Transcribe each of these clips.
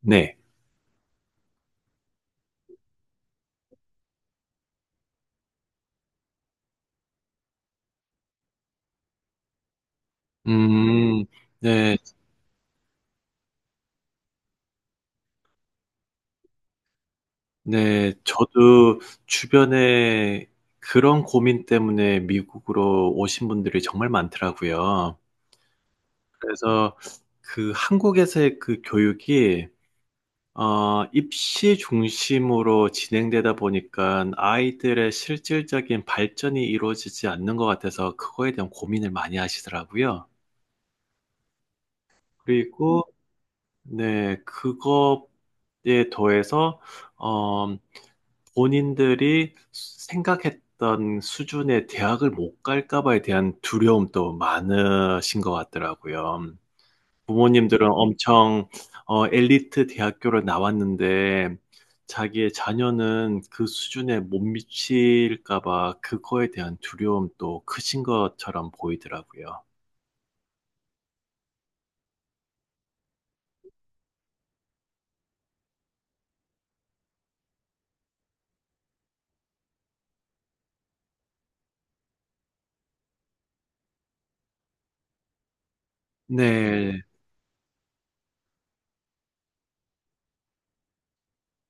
네. 음. 네. 네. 저도 주변에 그런 고민 때문에 미국으로 오신 분들이 정말 많더라고요. 그래서 그 한국에서의 그 교육이 입시 중심으로 진행되다 보니깐 아이들의 실질적인 발전이 이루어지지 않는 것 같아서 그거에 대한 고민을 많이 하시더라고요. 그리고 네, 그거에 더해서 어 본인들이 생각했던 수준의 대학을 못 갈까 봐에 대한 두려움도 많으신 것 같더라고요. 부모님들은 엄청 엘리트 대학교를 나왔는데 자기의 자녀는 그 수준에 못 미칠까 봐 그거에 대한 두려움도 크신 것처럼 보이더라고요. 네,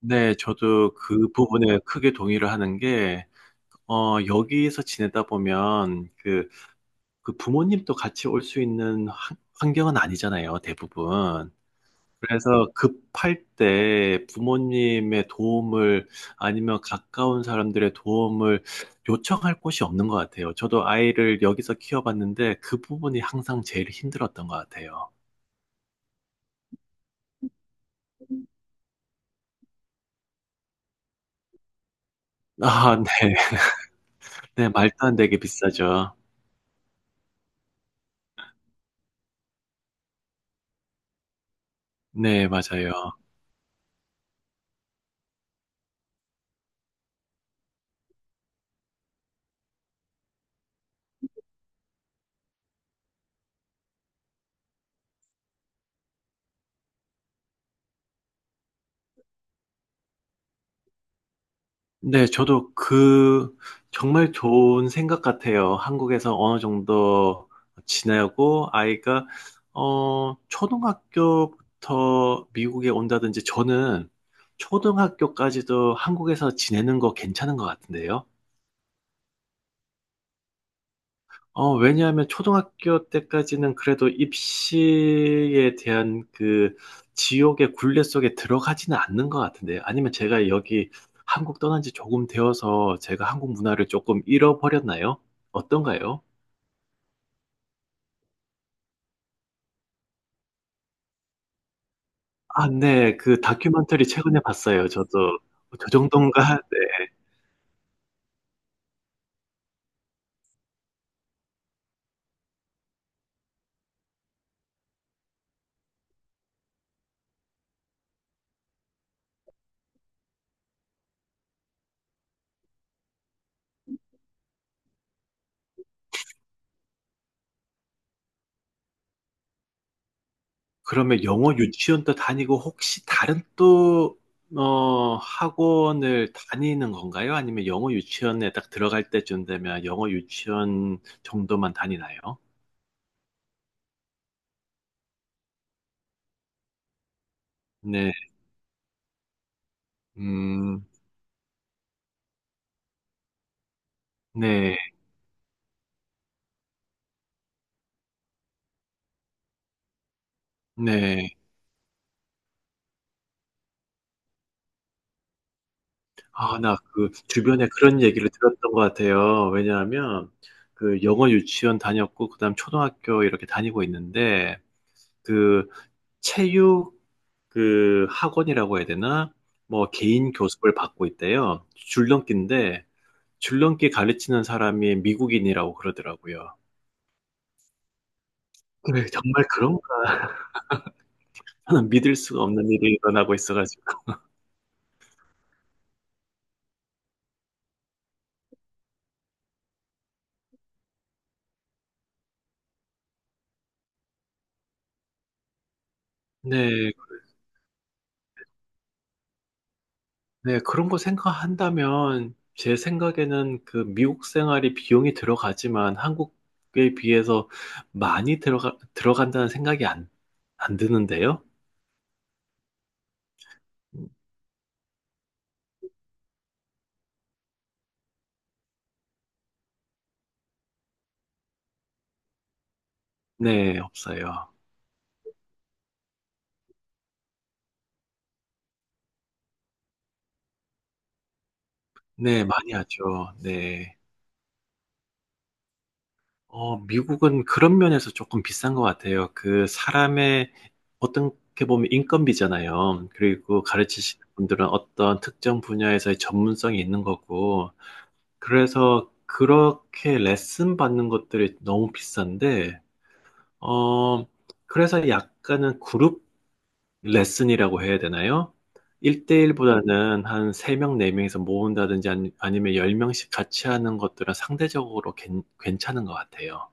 네, 저도 그 부분에 크게 동의를 하는 게 여기서 지내다 보면 그 부모님도 같이 올 수 있는 환경은 아니잖아요, 대부분. 그래서 급할 때 부모님의 도움을 아니면 가까운 사람들의 도움을 요청할 곳이 없는 것 같아요. 저도 아이를 여기서 키워봤는데 그 부분이 항상 제일 힘들었던 것 같아요. 아, 네. 네, 말도 안 되게 비싸죠. 네, 맞아요. 네, 저도 그 정말 좋은 생각 같아요. 한국에서 어느 정도 지내고 아이가 초등학교부터 미국에 온다든지 저는 초등학교까지도 한국에서 지내는 거 괜찮은 것 같은데요. 왜냐하면 초등학교 때까지는 그래도 입시에 대한 그 지옥의 굴레 속에 들어가지는 않는 것 같은데, 아니면 제가 여기 한국 떠난 지 조금 되어서 제가 한국 문화를 조금 잃어버렸나요? 어떤가요? 아, 네. 그 다큐멘터리 최근에 봤어요. 저도. 저 정도인가? 네. 그러면 영어 유치원 도 다니고 혹시 다른 또, 학원을 다니는 건가요? 아니면 영어 유치원에 딱 들어갈 때쯤 되면 영어 유치원 정도만 다니나요? 네, 음, 네, 네. 아, 나 그 주변에 그런 얘기를 들었던 것 같아요. 왜냐하면 그 영어 유치원 다녔고, 그다음 초등학교 이렇게 다니고 있는데, 그 체육 그 학원이라고 해야 되나? 뭐 개인 교습을 받고 있대요. 줄넘기인데 줄넘기 가르치는 사람이 미국인이라고 그러더라고요. 네, 정말 그런 거는 믿을 수가 없는 일이 일어나고 있어가지고. 네, 네, 그런 거 생각한다면 제 생각에는 그 미국 생활이 비용이 들어가지만 한국에 비해서 많이 들어간다는 생각이 안 드는데요? 네, 없어요. 네, 많이 하죠. 네. 미국은 그런 면에서 조금 비싼 것 같아요. 그 사람의 어떻게 보면 인건비잖아요. 그리고 가르치시는 분들은 어떤 특정 분야에서의 전문성이 있는 거고. 그래서 그렇게 레슨 받는 것들이 너무 비싼데, 어, 그래서 약간은 그룹 레슨이라고 해야 되나요? 1대1보다는 한 3명, 4명에서 모은다든지 아니면 10명씩 같이 하는 것들은 상대적으로 괜찮은 것 같아요.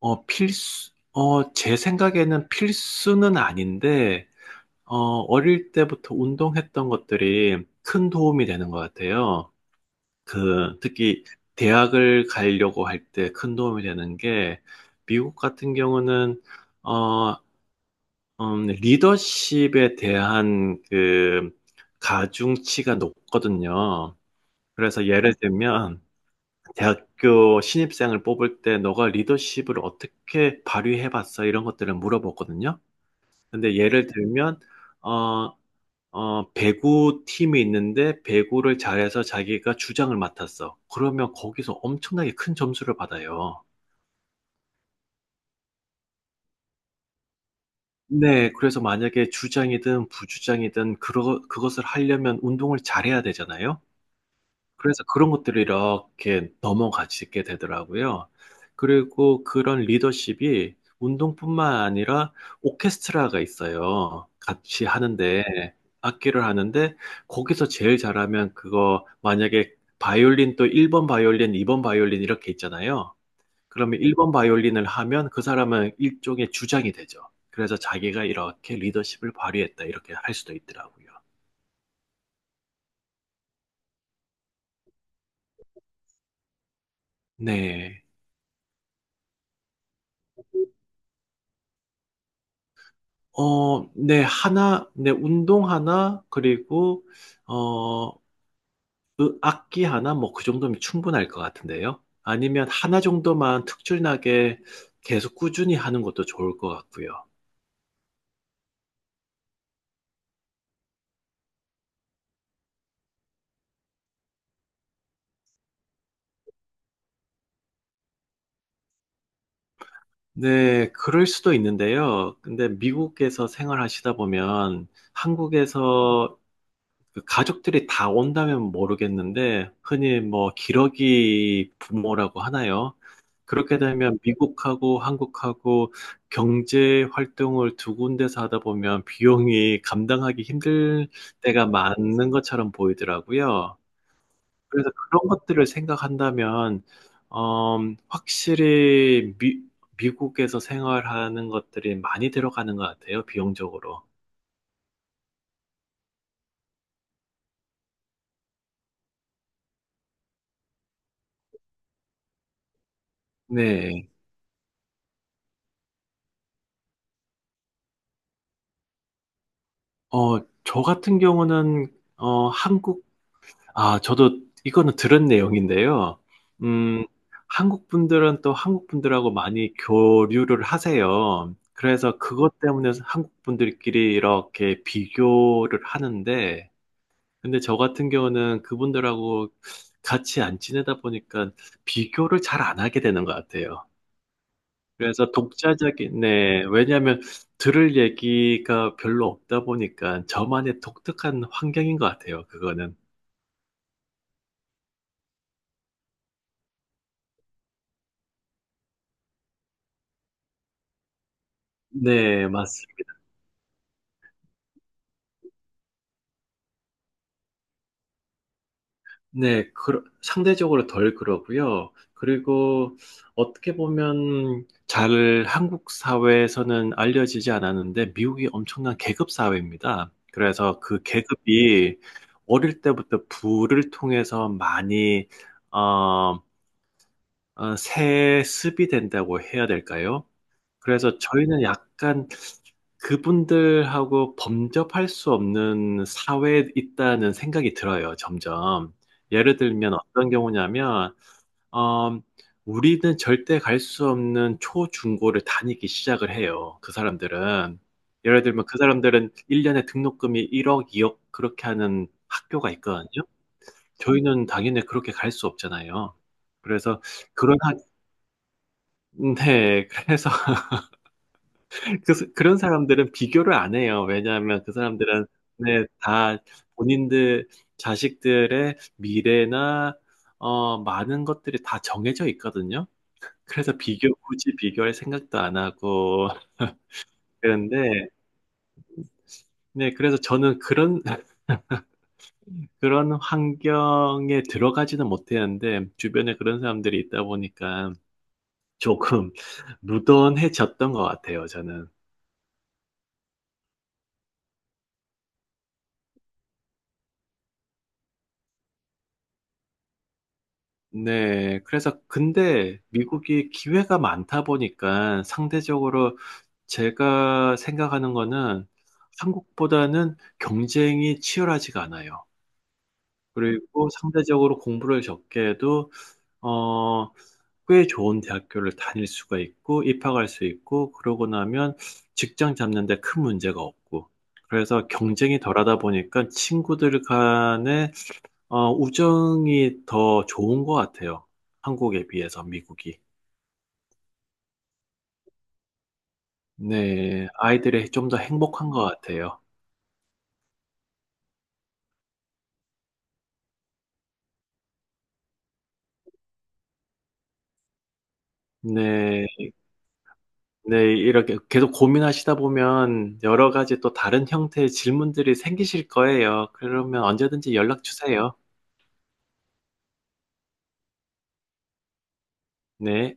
필수, 제 생각에는 필수는 아닌데, 어, 어릴 때부터 운동했던 것들이 큰 도움이 되는 것 같아요. 그, 특히 대학을 가려고 할 때 큰 도움이 되는 게, 미국 같은 경우는, 어, 리더십에 대한 그, 가중치가 높거든요. 그래서 예를 들면, 대학교 신입생을 뽑을 때 너가 리더십을 어떻게 발휘해봤어? 이런 것들을 물어보거든요. 근데 예를 들면, 어, 배구 팀이 있는데 배구를 잘해서 자기가 주장을 맡았어. 그러면 거기서 엄청나게 큰 점수를 받아요. 네, 그래서 만약에 주장이든 부주장이든 그것을 하려면 운동을 잘해야 되잖아요. 그래서 그런 것들이 이렇게 넘어가지게 되더라고요. 그리고 그런 리더십이 운동뿐만 아니라 오케스트라가 있어요. 같이 하는데, 악기를 하는데, 거기서 제일 잘하면 그거 만약에 바이올린 또 1번 바이올린, 2번 바이올린 이렇게 있잖아요. 그러면 1번 바이올린을 하면 그 사람은 일종의 주장이 되죠. 그래서 자기가 이렇게 리더십을 발휘했다, 이렇게 할 수도 있더라고요. 네. 네, 하나, 네, 운동 하나, 그리고, 어, 악기 하나, 뭐, 그 정도면 충분할 것 같은데요. 아니면 하나 정도만 특출나게 계속 꾸준히 하는 것도 좋을 것 같고요. 네, 그럴 수도 있는데요. 근데 미국에서 생활하시다 보면 네. 한국에서 그 가족들이 다 온다면 모르겠는데, 흔히 뭐 기러기 부모라고 하나요? 그렇게 되면 미국하고 한국하고 경제 활동을 두 군데서 하다 보면 비용이 감당하기 힘들 때가 많은 것처럼 보이더라고요. 그래서 그런 것들을 생각한다면, 확실히 미국에서 생활하는 것들이 많이 들어가는 것 같아요, 비용적으로. 네. 저 같은 경우는, 어, 한국, 아, 저도 이거는 들은 내용인데요. 음, 한국 분들은 또 한국 분들하고 많이 교류를 하세요. 그래서 그것 때문에 한국 분들끼리 이렇게 비교를 하는데, 근데 저 같은 경우는 그분들하고 같이 안 지내다 보니까 비교를 잘 안 하게 되는 것 같아요. 그래서 독자적인, 네. 왜냐하면 들을 얘기가 별로 없다 보니까 저만의 독특한 환경인 것 같아요. 그거는. 네, 맞습니다. 네, 그, 상대적으로 덜 그러고요. 그리고 어떻게 보면 잘 한국 사회에서는 알려지지 않았는데 미국이 엄청난 계급 사회입니다. 그래서 그 계급이 어릴 때부터 부를 통해서 많이 어, 세습이 된다고 해야 될까요? 그래서 저희는 약간 그분들하고 범접할 수 없는 사회에 있다는 생각이 들어요, 점점. 예를 들면 어떤 경우냐면, 어, 우리는 절대 갈 수 없는 초중고를 다니기 시작을 해요, 그 사람들은. 예를 들면 그 사람들은 1년에 등록금이 1억, 2억 그렇게 하는 학교가 있거든요. 저희는 당연히 그렇게 갈 수 없잖아요. 그래서 그런 학, 네, 그래서 그런 사람들은 비교를 안 해요. 왜냐하면 그 사람들은 네, 다 본인들 자식들의 미래나 많은 것들이 다 정해져 있거든요. 그래서 비교 굳이 비교할 생각도 안 하고 그런데 네, 그래서 저는 그런 환경에 들어가지는 못했는데 주변에 그런 사람들이 있다 보니까 조금 무던해졌던 것 같아요. 저는. 네, 그래서 근데 미국이 기회가 많다 보니까 상대적으로 제가 생각하는 거는 한국보다는 경쟁이 치열하지가 않아요. 그리고 상대적으로 공부를 적게 해도 어, 꽤 좋은 대학교를 다닐 수가 있고 입학할 수 있고 그러고 나면 직장 잡는 데 큰 문제가 없고 그래서 경쟁이 덜하다 보니까 친구들 간에 우정이 더 좋은 것 같아요. 한국에 비해서 미국이. 네, 아이들이 좀 더 행복한 것 같아요. 네, 네, 이렇게 계속 고민하시다 보면 여러 가지 또 다른 형태의 질문들이 생기실 거예요. 그러면 언제든지 연락 주세요. 네.